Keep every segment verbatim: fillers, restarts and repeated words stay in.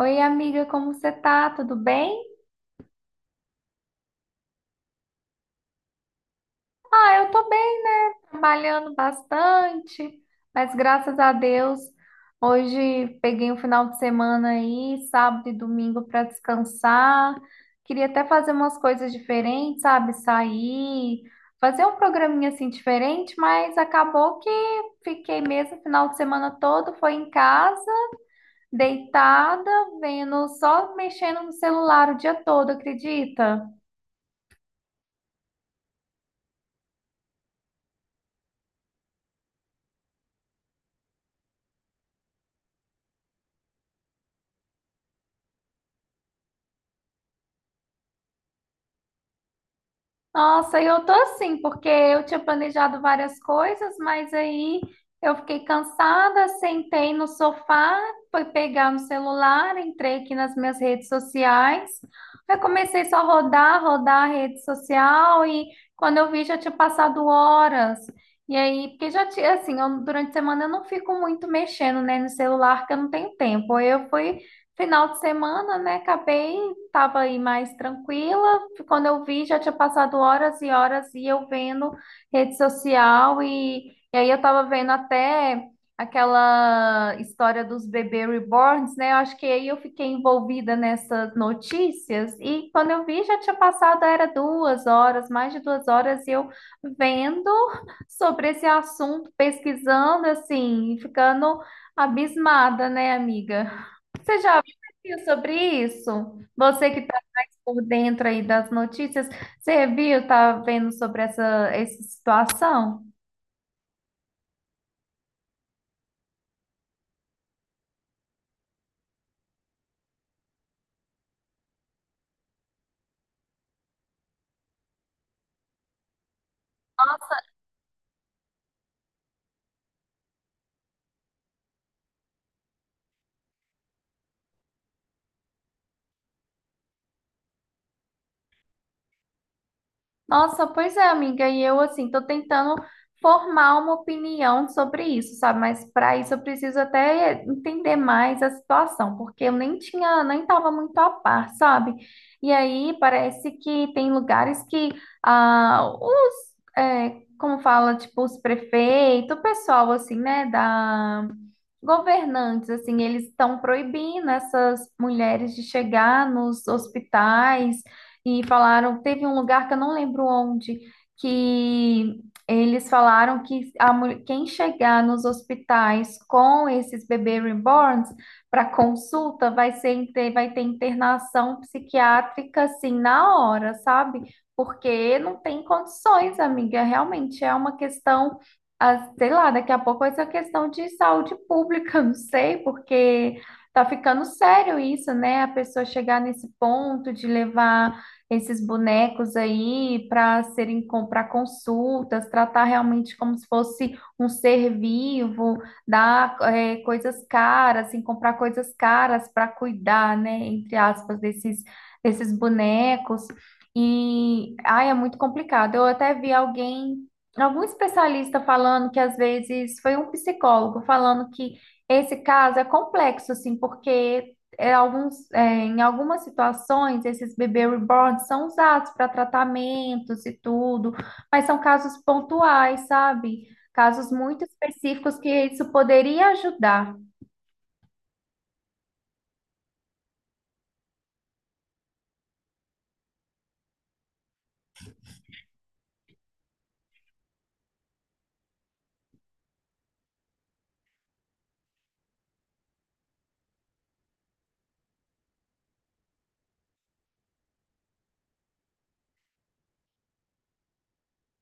Oi, amiga, como você tá? Tudo bem? Ah, eu tô bem, né? Trabalhando bastante, mas graças a Deus, hoje peguei um final de semana aí, sábado e domingo para descansar. Queria até fazer umas coisas diferentes, sabe? Sair, fazer um programinha assim diferente, mas acabou que fiquei mesmo o final de semana todo, foi em casa, deitada, vendo, só mexendo no celular o dia todo, acredita? Nossa, eu tô assim, porque eu tinha planejado várias coisas, mas aí eu fiquei cansada, sentei no sofá, fui pegar no celular, entrei aqui nas minhas redes sociais. Aí comecei só a rodar, rodar a rede social e quando eu vi já tinha passado horas. E aí, porque já tinha, assim, eu- durante a semana eu não fico muito mexendo, né, no celular, que eu não tenho tempo. Eu fui final de semana, né, acabei, tava aí mais tranquila quando eu vi, já tinha passado horas e horas e eu vendo rede social e, e aí eu tava vendo até aquela história dos bebê reborns, né? Eu acho que aí eu fiquei envolvida nessas notícias e quando eu vi, já tinha passado, era duas horas, mais de duas horas, e eu vendo sobre esse assunto, pesquisando, assim, ficando abismada, né, amiga? Você já viu sobre isso? Você que está mais por dentro aí das notícias, você viu, tá vendo sobre essa, essa situação? Nossa, pois é, amiga, e eu assim tô tentando formar uma opinião sobre isso, sabe? Mas para isso eu preciso até entender mais a situação, porque eu nem tinha, nem estava muito a par, sabe? E aí parece que tem lugares que ah, os, é, como fala, tipo, os prefeitos, o pessoal assim, né, da governantes, assim, eles estão proibindo essas mulheres de chegar nos hospitais e falaram, teve um lugar que eu não lembro onde, que eles falaram que a mu- quem chegar nos hospitais com esses bebês reborns para consulta vai ser, inte- vai ter internação psiquiátrica assim na hora, sabe? Porque não tem condições, amiga. Realmente é uma questão, ah, sei lá, daqui a pouco vai ser uma questão de saúde pública, não sei, porque tá ficando sério isso, né? A pessoa chegar nesse ponto de levar esses bonecos aí para serem para consultas, tratar realmente como se fosse um ser vivo, dar é, coisas caras, assim, comprar coisas caras para cuidar, né, entre aspas, desses, desses bonecos. E ai, é muito complicado. Eu até vi alguém, algum especialista falando que às vezes foi um psicólogo falando que esse caso é complexo, assim, porque é, alguns, é, em algumas situações, esses bebês reborn são usados para tratamentos e tudo, mas são casos pontuais, sabe? Casos muito específicos que isso poderia ajudar.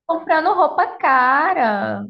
Comprando roupa cara.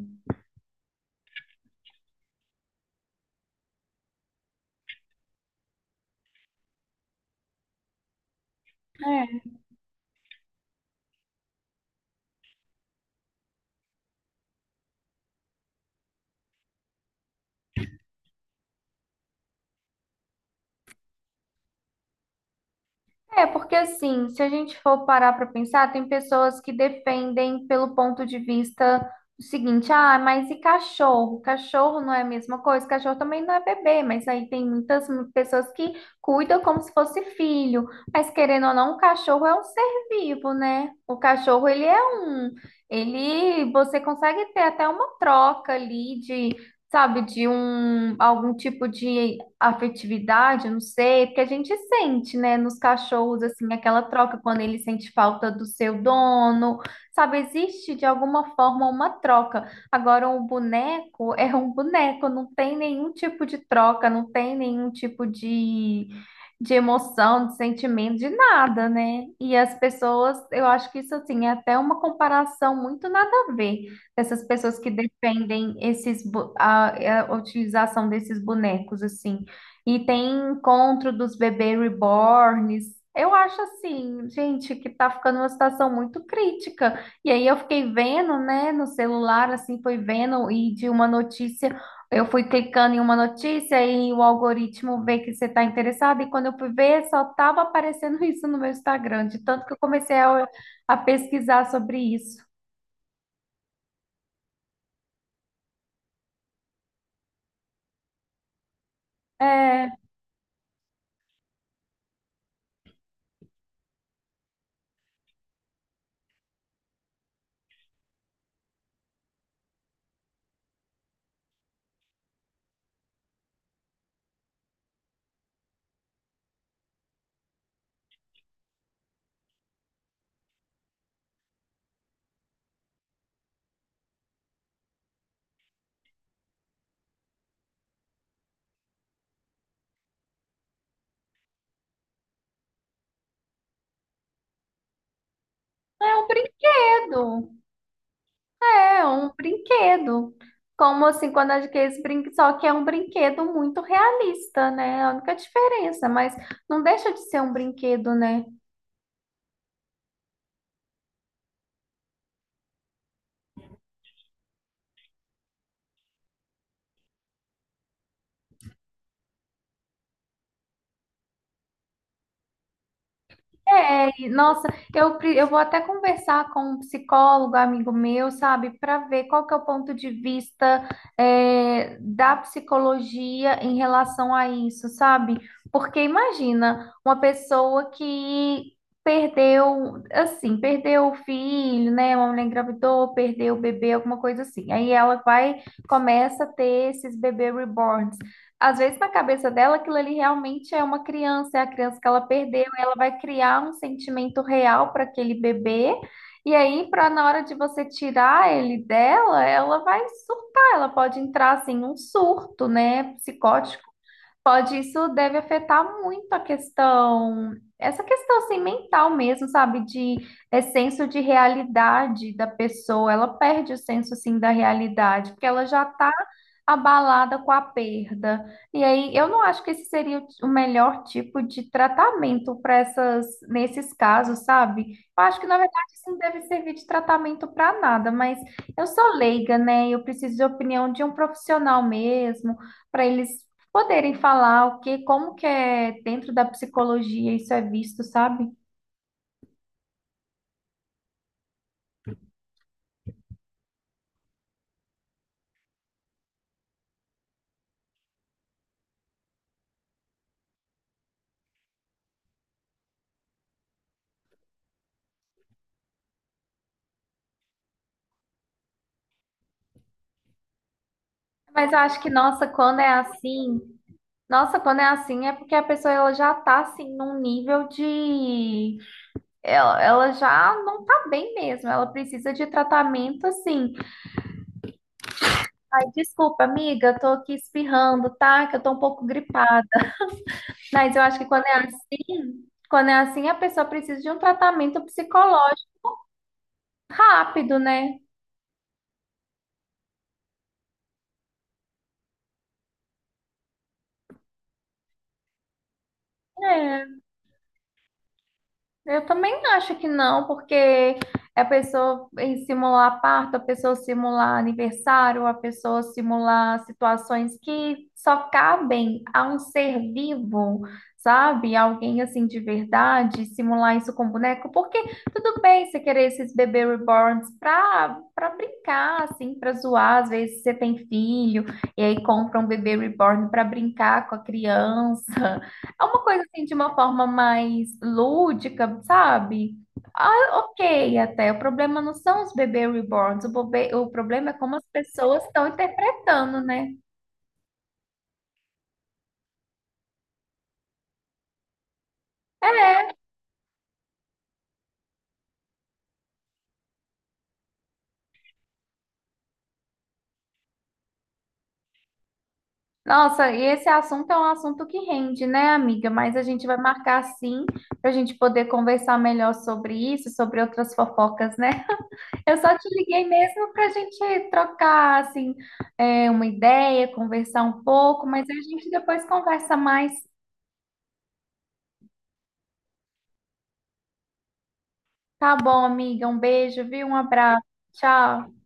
É, porque assim, se a gente for parar para pensar, tem pessoas que defendem pelo ponto de vista do seguinte, ah, mas e cachorro? Cachorro não é a mesma coisa, cachorro também não é bebê, mas aí tem muitas pessoas que cuidam como se fosse filho, mas querendo ou não, o cachorro é um ser vivo, né? O cachorro, ele é um, ele, você consegue ter até uma troca ali de sabe, de um algum tipo de afetividade, eu não sei, porque a gente sente, né, nos cachorros assim aquela troca quando ele sente falta do seu dono, sabe, existe de alguma forma uma troca. Agora um boneco é um boneco, não tem nenhum tipo de troca, não tem nenhum tipo de de emoção, de sentimento, de nada, né? E as pessoas, eu acho que isso assim é até uma comparação muito nada a ver. Essas pessoas que defendem esses, bo- a, é, a utilização desses bonecos, assim. E tem encontro dos bebês reborns. Eu acho assim, gente, que tá ficando uma situação muito crítica. E aí eu fiquei vendo, né, no celular, assim, foi vendo, e de uma notícia, eu fui clicando em uma notícia e o algoritmo vê que você tá interessado. E quando eu fui ver, só tava aparecendo isso no meu Instagram, de tanto que eu comecei a, a pesquisar sobre isso. É. É um brinquedo. É um brinquedo. Como assim, quando adquire esse brinquedo, só que é um brinquedo muito realista, né? É a única diferença, mas não deixa de ser um brinquedo, né? É, e, nossa, eu, pre- eu vou até conversar com um psicólogo, amigo meu, sabe, para ver qual que é o ponto de vista é, da psicologia em relação a isso, sabe? Porque imagina uma pessoa que perdeu, assim, perdeu o filho, né? Uma mulher engravidou, perdeu o bebê, alguma coisa assim. Aí ela vai, começa a ter esses bebê reborns. Às vezes na cabeça dela aquilo ali realmente é uma criança, é a criança que ela perdeu ela vai criar um sentimento real para aquele bebê. E aí, para na hora de você tirar ele dela, ela vai surtar, ela pode entrar assim num surto, né, psicótico. Pode, isso deve afetar muito a questão, essa questão assim mental mesmo, sabe, de é, senso de realidade da pessoa. Ela perde o senso assim da realidade, porque ela já tá abalada com a perda. E aí, eu não acho que esse seria o o melhor tipo de tratamento para essas, nesses casos, sabe? Eu acho que, na verdade, isso não deve servir de tratamento para nada, mas eu sou leiga, né? Eu preciso de opinião de um profissional mesmo, para eles poderem falar o que, como que é dentro da psicologia isso é visto, sabe? Mas eu acho que, nossa, quando é assim, nossa, quando é assim é porque a pessoa ela já tá assim num nível de Ela, ela já não tá bem mesmo, ela precisa de tratamento assim. Ai, desculpa, amiga, eu tô aqui espirrando, tá? Que eu tô um pouco gripada. Mas eu acho que quando é assim, quando é assim, a pessoa precisa de um tratamento psicológico rápido, né? É. Eu também acho que não, porque é a pessoa em simular parto, a pessoa simular aniversário, a pessoa simular situações que só cabem a um ser vivo, sabe? Alguém assim de verdade, simular isso com boneco, porque tudo bem você querer esses bebê reborns para para brincar, assim, para zoar, às vezes você tem filho e aí compra um bebê reborn para brincar com a criança. É uma coisa assim de uma forma mais lúdica, sabe? Ah, ok, até. O problema não são os bebês reborns, o, bobe- o problema é como as pessoas estão interpretando, né? Nossa, e esse assunto é um assunto que rende, né, amiga? Mas a gente vai marcar sim para a gente poder conversar melhor sobre isso, sobre outras fofocas, né? Eu só te liguei mesmo para a gente trocar, assim, é, uma ideia, conversar um pouco, mas a gente depois conversa mais. Tá bom, amiga. Um beijo, viu? Um abraço. Tchau.